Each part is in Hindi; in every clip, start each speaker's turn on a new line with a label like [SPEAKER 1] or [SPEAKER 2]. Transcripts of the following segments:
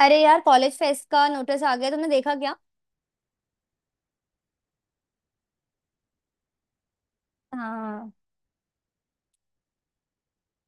[SPEAKER 1] अरे यार, कॉलेज फेस्ट का नोटिस आ गया। तुमने देखा क्या? हाँ,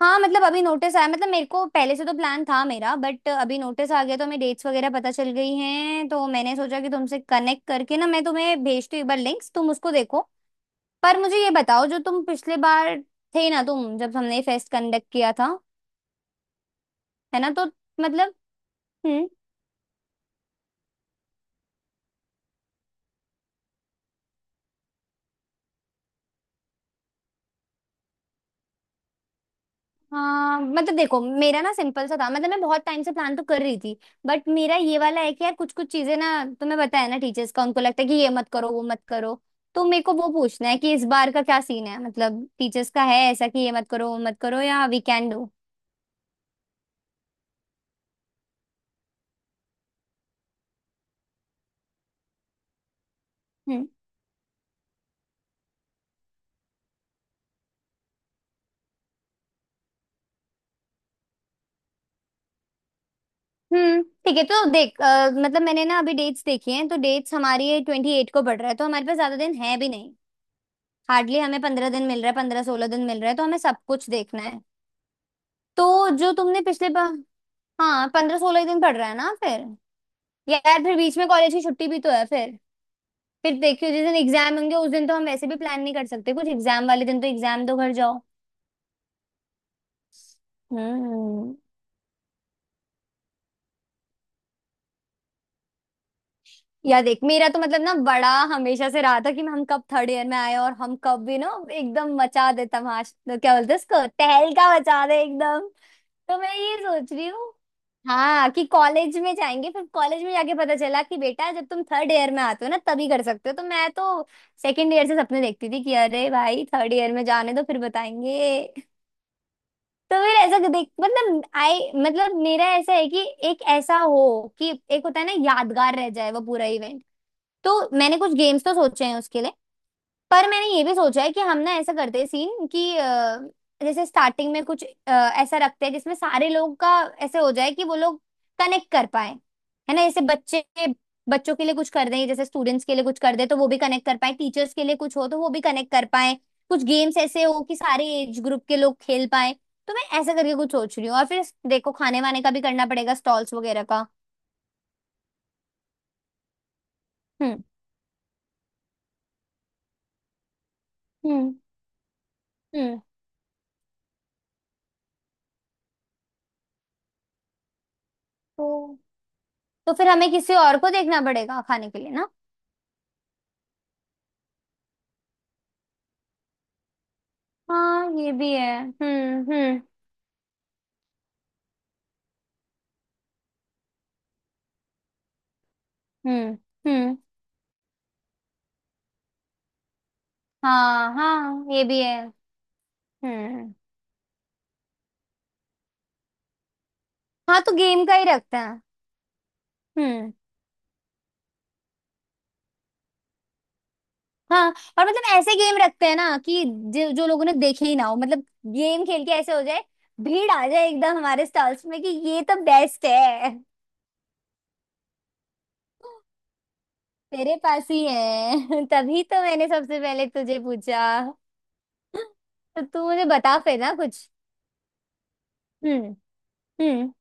[SPEAKER 1] हाँ मतलब अभी नोटिस आया। मतलब मेरे को पहले से तो प्लान था मेरा, बट अभी नोटिस आ गया तो हमें डेट्स वगैरह पता चल गई हैं। तो मैंने सोचा कि तुमसे कनेक्ट करके ना मैं तुम्हें भेजती हूँ एक बार लिंक्स, तुम उसको देखो। पर मुझे ये बताओ, जो तुम पिछले बार थे ना, तुम जब हमने फेस्ट कंडक्ट किया था, है ना? तो मतलब हम्म? हाँ मतलब देखो, मेरा ना सिंपल सा था। मतलब मैं बहुत टाइम से प्लान तो कर रही थी, बट मेरा ये वाला है कि यार कुछ कुछ चीजें ना, तुम्हें पता है ना टीचर्स का, उनको लगता है कि ये मत करो वो मत करो। तो मेरे को वो पूछना है कि इस बार का क्या सीन है। मतलब टीचर्स का है ऐसा कि ये मत करो वो मत करो, या वी कैन डू। हम्म। हम्म, ठीक है। तो देख, मतलब मैंने ना अभी डेट्स देखी हैं। तो डेट्स हमारी 28 को बढ़ रहा है, तो हमारे पास ज्यादा दिन है भी नहीं। हार्डली हमें 15 दिन मिल रहा है, 15 16 दिन मिल रहा है, तो हमें सब कुछ देखना है। तो जो तुमने पिछले बार। हाँ 15 16 दिन पढ़ रहा है ना फिर। यार फिर बीच में कॉलेज की छुट्टी भी तो है। फिर देखियो जिस दिन एग्जाम होंगे उस दिन तो हम वैसे भी प्लान नहीं कर सकते कुछ। एग्जाम वाले दिन तो एग्जाम दो, घर जाओ। हम्म। या देख, मेरा तो मतलब ना बड़ा हमेशा से रहा था कि हम कब थर्ड ईयर में आए, और हम कब भी ना एकदम मचा दे तमाश, तो क्या बोलते हैं इसको, तहलका मचा दे एकदम। तो मैं ये सोच रही हूँ। हाँ कि कॉलेज में जाएंगे, फिर कॉलेज में जाके पता चला कि बेटा जब तुम थर्ड ईयर में आते हो ना तभी कर सकते हो। तो मैं तो सेकंड ईयर से सपने देखती थी कि अरे भाई थर्ड ईयर में जाने दो फिर बताएंगे। तो फिर ऐसा देख, मतलब आई मतलब मेरा ऐसा है कि एक ऐसा हो कि एक होता है ना यादगार रह जाए वो पूरा इवेंट। तो मैंने कुछ गेम्स तो सोचे हैं उसके लिए। पर मैंने ये भी सोचा है कि हम ना ऐसा करते हैं सीन कि जैसे स्टार्टिंग में कुछ ऐसा रखते हैं जिसमें सारे लोग का ऐसे हो जाए कि वो लोग कनेक्ट कर पाए। है ना? जैसे बच्चे, बच्चों के लिए कुछ कर दें, जैसे स्टूडेंट्स के लिए कुछ कर दें तो वो भी कनेक्ट कर पाए, टीचर्स के लिए कुछ हो तो वो भी कनेक्ट कर पाए। कुछ गेम्स ऐसे हो कि सारे एज ग्रुप के लोग खेल पाए। तो मैं ऐसा करके कुछ सोच रही हूँ। और फिर देखो खाने वाने का भी करना पड़ेगा, स्टॉल्स वगैरह का। हम्म। हम्म। हम्म। तो तो फिर हमें किसी और को देखना पड़ेगा खाने के लिए ना। हाँ ये भी है। हम्म, हम्म। हम्म, हम्म। हाँ, हाँ ये भी है। हम्म। हाँ तो गेम का ही रखते हैं। हम्म। हाँ और मतलब ऐसे गेम रखते हैं ना कि जो लोगों ने देखे ही ना हो। मतलब गेम खेल के ऐसे हो जाए, भीड़ आ जाए एकदम हमारे स्टॉल्स में कि ये तो बेस्ट है। तेरे पास ही है। तभी तो मैंने सबसे पहले तुझे पूछा। तो तू मुझे बता फिर ना कुछ। हम्म, हम्म।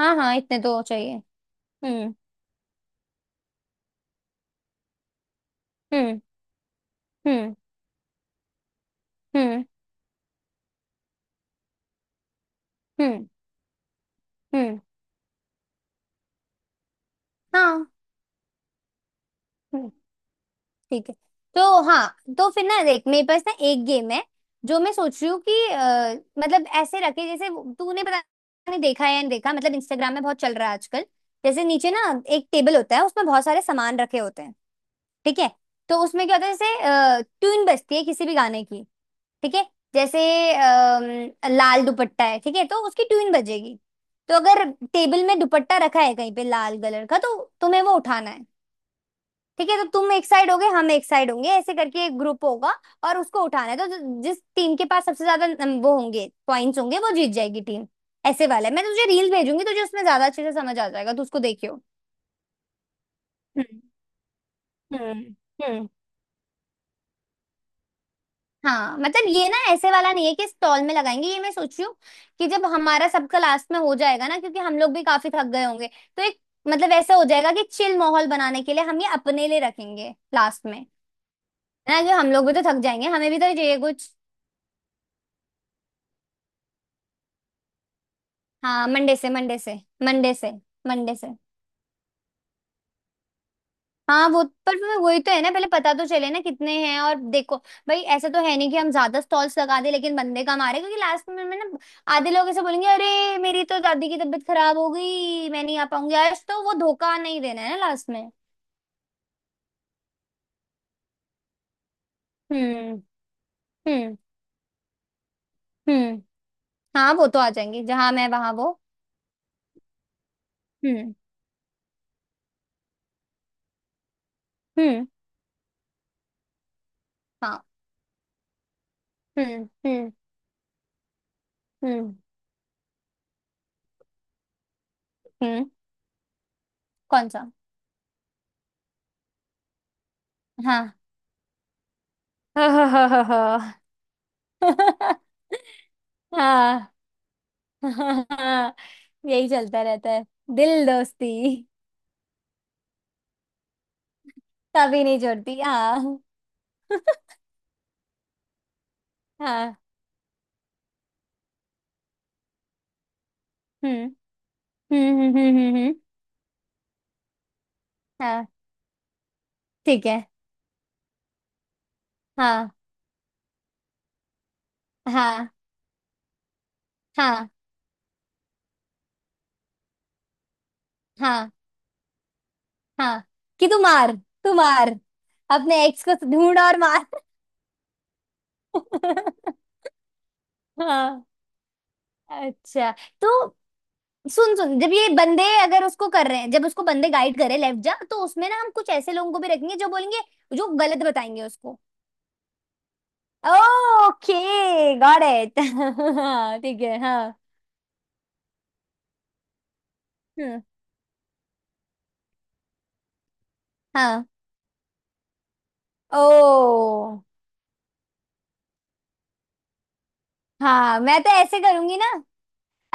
[SPEAKER 1] हाँ हाँ इतने तो चाहिए। हम्म, हम्म। हम्म, हम्म। हम्म, हम्म। हाँ। हम्म, ठीक है। तो हाँ, तो फिर ना देख मेरे पास ना एक गेम है जो मैं सोच रही हूँ कि मतलब ऐसे रखे जैसे वो- तूने पता नहीं, देखा है या नहीं देखा, मतलब इंस्टाग्राम में बहुत चल रहा है आजकल। जैसे नीचे ना एक टेबल होता है, उसमें बहुत सारे सामान रखे होते हैं। ठीक है? तो उसमें क्या होता है, जैसे ट्यून बजती है किसी भी गाने की। ठीक है। जैसे लाल दुपट्टा है, ठीक है, तो उसकी ट्यून बजेगी। तो अगर टेबल में दुपट्टा रखा है कहीं पे लाल कलर का, तो तुम्हें वो उठाना है। ठीक है? तो तुम एक साइड होगे, हम एक साइड होंगे, ऐसे करके एक ग्रुप होगा। और उसको उठाना है, तो जो- जिस टीम के पास सबसे ज्यादा नम- वो होंगे पॉइंट्स होंगे, वो जीत जाएगी टीम। ऐसे वाला है। मैं तुझे रील भेजूंगी, तुझे उसमें ज्यादा अच्छे से समझ आ जाएगा, तू उसको देखियो। हम्म, हम्म। हम्म। हाँ मतलब ये ना ऐसे वाला नहीं है कि स्टॉल में लगाएंगे। ये मैं सोच रही हूँ कि जब हमारा सबका लास्ट में हो जाएगा ना, क्योंकि हम लोग भी काफी थक गए होंगे, तो एक, मतलब ऐसा हो जाएगा कि चिल माहौल बनाने के लिए हम ये अपने लिए रखेंगे लास्ट में। है ना? कि हम लोग भी तो थक जाएंगे, हमें भी तो चाहिए कुछ। हाँ मंडे से, मंडे से, मंडे से, मंडे से। हाँ वो, पर फिर वही तो है ना, पहले पता तो चले ना कितने हैं, और देखो भाई ऐसा तो है नहीं कि हम ज्यादा स्टॉल्स लगा दे लेकिन बंदे कम आ रहे, क्योंकि लास्ट में ना आधे लोग ऐसे बोलेंगे अरे मेरी तो दादी की तबीयत खराब हो गई मैं नहीं आ पाऊंगी आज, तो वो धोखा नहीं देना है ना लास्ट में। हम्म, हम्म। हम्म। हाँ वो तो आ जाएंगे, जहां मैं वहां वो। हम्म, हम्म। हाँ। हम्म, हम्म। हम्म, हम्म। कौन सा? हाँ। हाँ हाँ हाँ हाँ। हाँ। हाँ यही चलता रहता है। दिल दोस्ती। कभी नहीं छोड़ती हाँ। हाँ। हम्म। हम्म, हम्म, हम्म, हम्म। हाँ ठीक है। हाँ हाँ हाँ हाँ। हाँ कि तू मार, तू मार, अपने एक्स को ढूंढ और मार। हाँ। अच्छा। तो सुन सुन, जब ये बंदे अगर उसको कर रहे हैं, जब उसको बंदे गाइड कर रहे हैं लेफ्ट जा, तो उसमें ना हम कुछ ऐसे लोगों को भी रखेंगे जो बोलेंगे, जो गलत बताएंगे उसको। Okay, got it. हाँ ठीक है हाँ। हम्म। हाँ। ओ। हाँ मैं तो ऐसे करूंगी ना,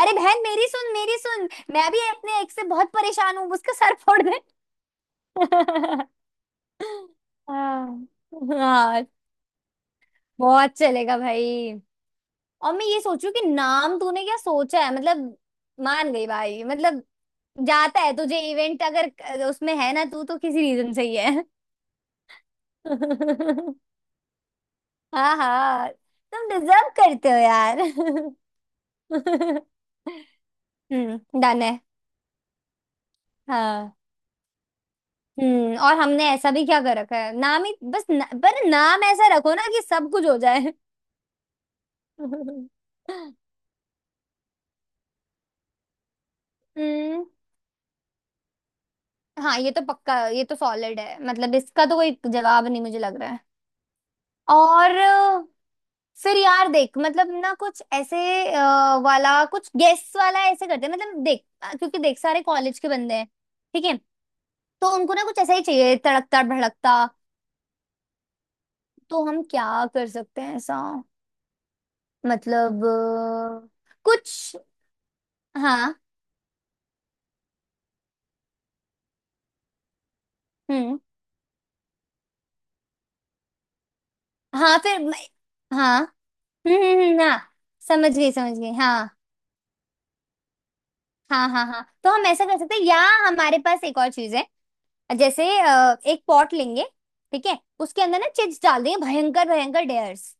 [SPEAKER 1] अरे बहन मेरी सुन, मेरी सुन, मैं भी अपने एक से बहुत परेशान हूँ, उसका सर फोड़ दे। हाँ। हाँ बहुत चलेगा भाई। और मैं ये सोचू कि नाम तूने क्या सोचा है। मतलब मान गई भाई, मतलब जाता है तुझे इवेंट अगर, उसमें है ना, तू तो किसी रीजन से ही है। हाँ हाँ, तुम डिजर्व करते हो यार। हम्म, डन है। हाँ। और हमने ऐसा भी क्या कर रखा है, नाम ही बस न, पर नाम ऐसा रखो ना कि सब कुछ हो जाए। हम्म। हाँ ये तो पक्का, ये तो सॉलिड है। मतलब इसका तो कोई जवाब नहीं मुझे लग रहा है। और फिर यार देख, मतलब ना कुछ ऐसे वाला कुछ गेस वाला ऐसे करते हैं। मतलब देख, क्योंकि देख सारे कॉलेज के बंदे हैं, ठीक है, तो उनको ना कुछ ऐसा ही चाहिए तड़कता भड़कता। तो हम क्या कर सकते हैं ऐसा, मतलब कुछ। हाँ। हम्म। हाँ फिर मैं-। हाँ। हम्म, हाँ। समझ गई, समझ गई हाँ। हाँ हाँ हाँ, तो हम ऐसा कर सकते हैं। या हमारे पास एक और चीज है। जैसे एक पॉट लेंगे, ठीक है, उसके अंदर ना चिप्स डाल देंगे, भयंकर भयंकर डेयर्स।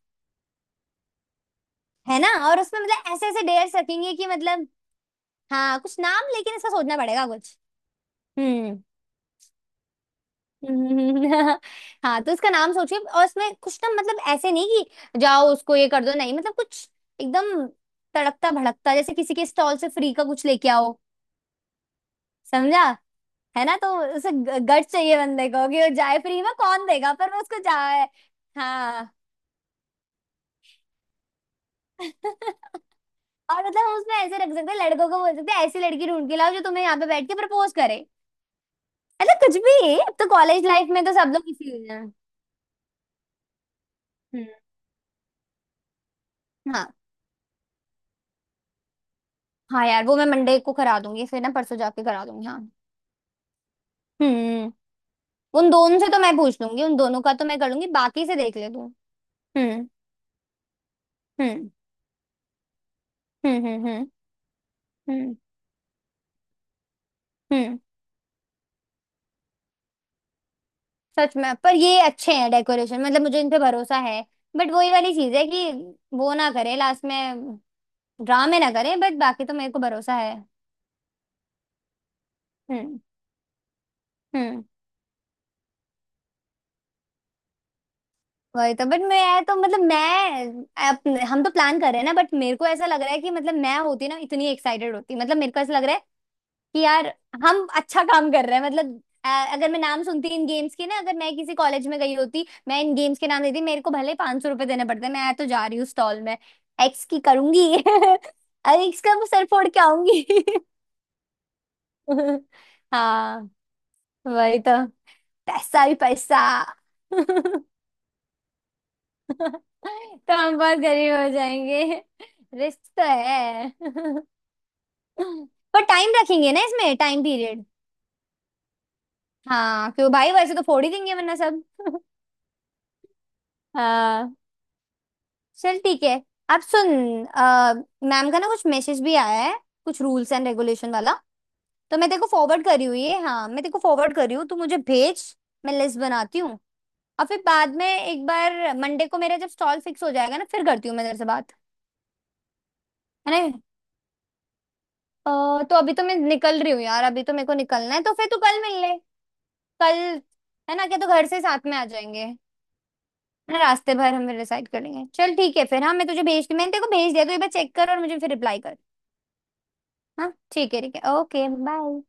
[SPEAKER 1] है ना? और उसमें मतलब ऐसे ऐसे डेयर्स रखेंगे कि मतलब, हाँ कुछ नाम लेकिन इसका सोचना पड़ेगा कुछ। हम्म, हम्म। हाँ तो इसका नाम सोचिए। और इसमें कुछ ना, मतलब ऐसे नहीं कि जाओ उसको ये कर दो, नहीं मतलब कुछ एकदम तड़कता भड़कता, जैसे किसी के स्टॉल से फ्री का कुछ लेके आओ। समझा? है ना, तो उसे गट चाहिए बंदे को कि वो जाए फ्री में, कौन देगा, पर वो उसको जाए। हाँ। और मतलब हम उसमें ऐसे रख सकते हैं, लड़कों को बोल सकते हैं ऐसी लड़की ढूंढ के लाओ जो तुम्हें यहाँ पे बैठ के प्रपोज करे। मतलब कुछ भी, अब तो कॉलेज लाइफ में तो सब लोग इसी हैं। हम्म। हाँ। हाँ यार वो मैं मंडे को करा दूंगी, फिर ना परसों जाके करा दूंगी हाँ। हम्म। उन दोनों से तो मैं पूछ लूंगी, उन दोनों का तो मैं कर लूंगी, बाकी से देख ले तू। हम्म, हम्म, हम्म, हम्म। हम्म, हम्म, हम्म। सच में, पर ये अच्छे हैं डेकोरेशन, मतलब मुझे इन पे भरोसा है। बट वही वाली चीज है कि वो ना करे लास्ट में, ड्रामे ना करे, बट बाकी तो मेरे को भरोसा है। हम्म। हम्म वही तो। बट मैं तो मतलब मैं अपने, हम तो प्लान कर रहे हैं ना, बट मेरे को ऐसा लग रहा है कि, मतलब मैं होती ना इतनी एक्साइटेड होती, मतलब मेरे को ऐसा लग रहा है कि यार हम अच्छा काम कर रहे हैं। मतलब अगर मैं नाम सुनती इन गेम्स के ना, अगर मैं किसी कॉलेज में गई होती, मैं इन गेम्स के नाम देती, मेरे को भले 500 रुपए देने पड़ते, मैं तो जा रही हूँ स्टॉल में। एक्स की करूंगी। अरे एक्स का मैं सर फोड़ के आऊंगी। हाँ वही तो, पैसा ही पैसा। तो हम बहुत गरीब हो जाएंगे। रिस्क तो है। पर टाइम रखेंगे ना इसमें, टाइम पीरियड। हाँ क्यों भाई वैसे तो फोड़ ही देंगे वरना सब। हाँ चल ठीक है। अब सुन, मैम का ना कुछ मैसेज भी आया है, कुछ रूल्स एंड रेगुलेशन वाला। तो मैं तेरे को फॉरवर्ड कर रही हूँ ये, हाँ मैं तेरे को फॉरवर्ड कर रही हूँ, तू मुझे भेज, मैं लिस्ट बनाती हूँ। और फिर बाद में एक बार मंडे को मेरा जब स्टॉल फिक्स हो जाएगा ना, फिर करती हूँ मैं तेरे से बात। है ना? तो अभी तो मैं निकल रही हूँ यार, अभी तो मेरे को निकलना है, तो फिर तू कल मिल ले। कल, है ना, क्या तो घर से साथ में आ जाएंगे, है ना, रास्ते भर हम डिसाइड कर लेंगे। चल ठीक है फिर। हाँ मैं तुझे भेजती, मैंने तेरे को भेज दिया, तो एक बार चेक कर और मुझे फिर रिप्लाई कर। हाँ ठीक है, ठीक है, ओके बाय।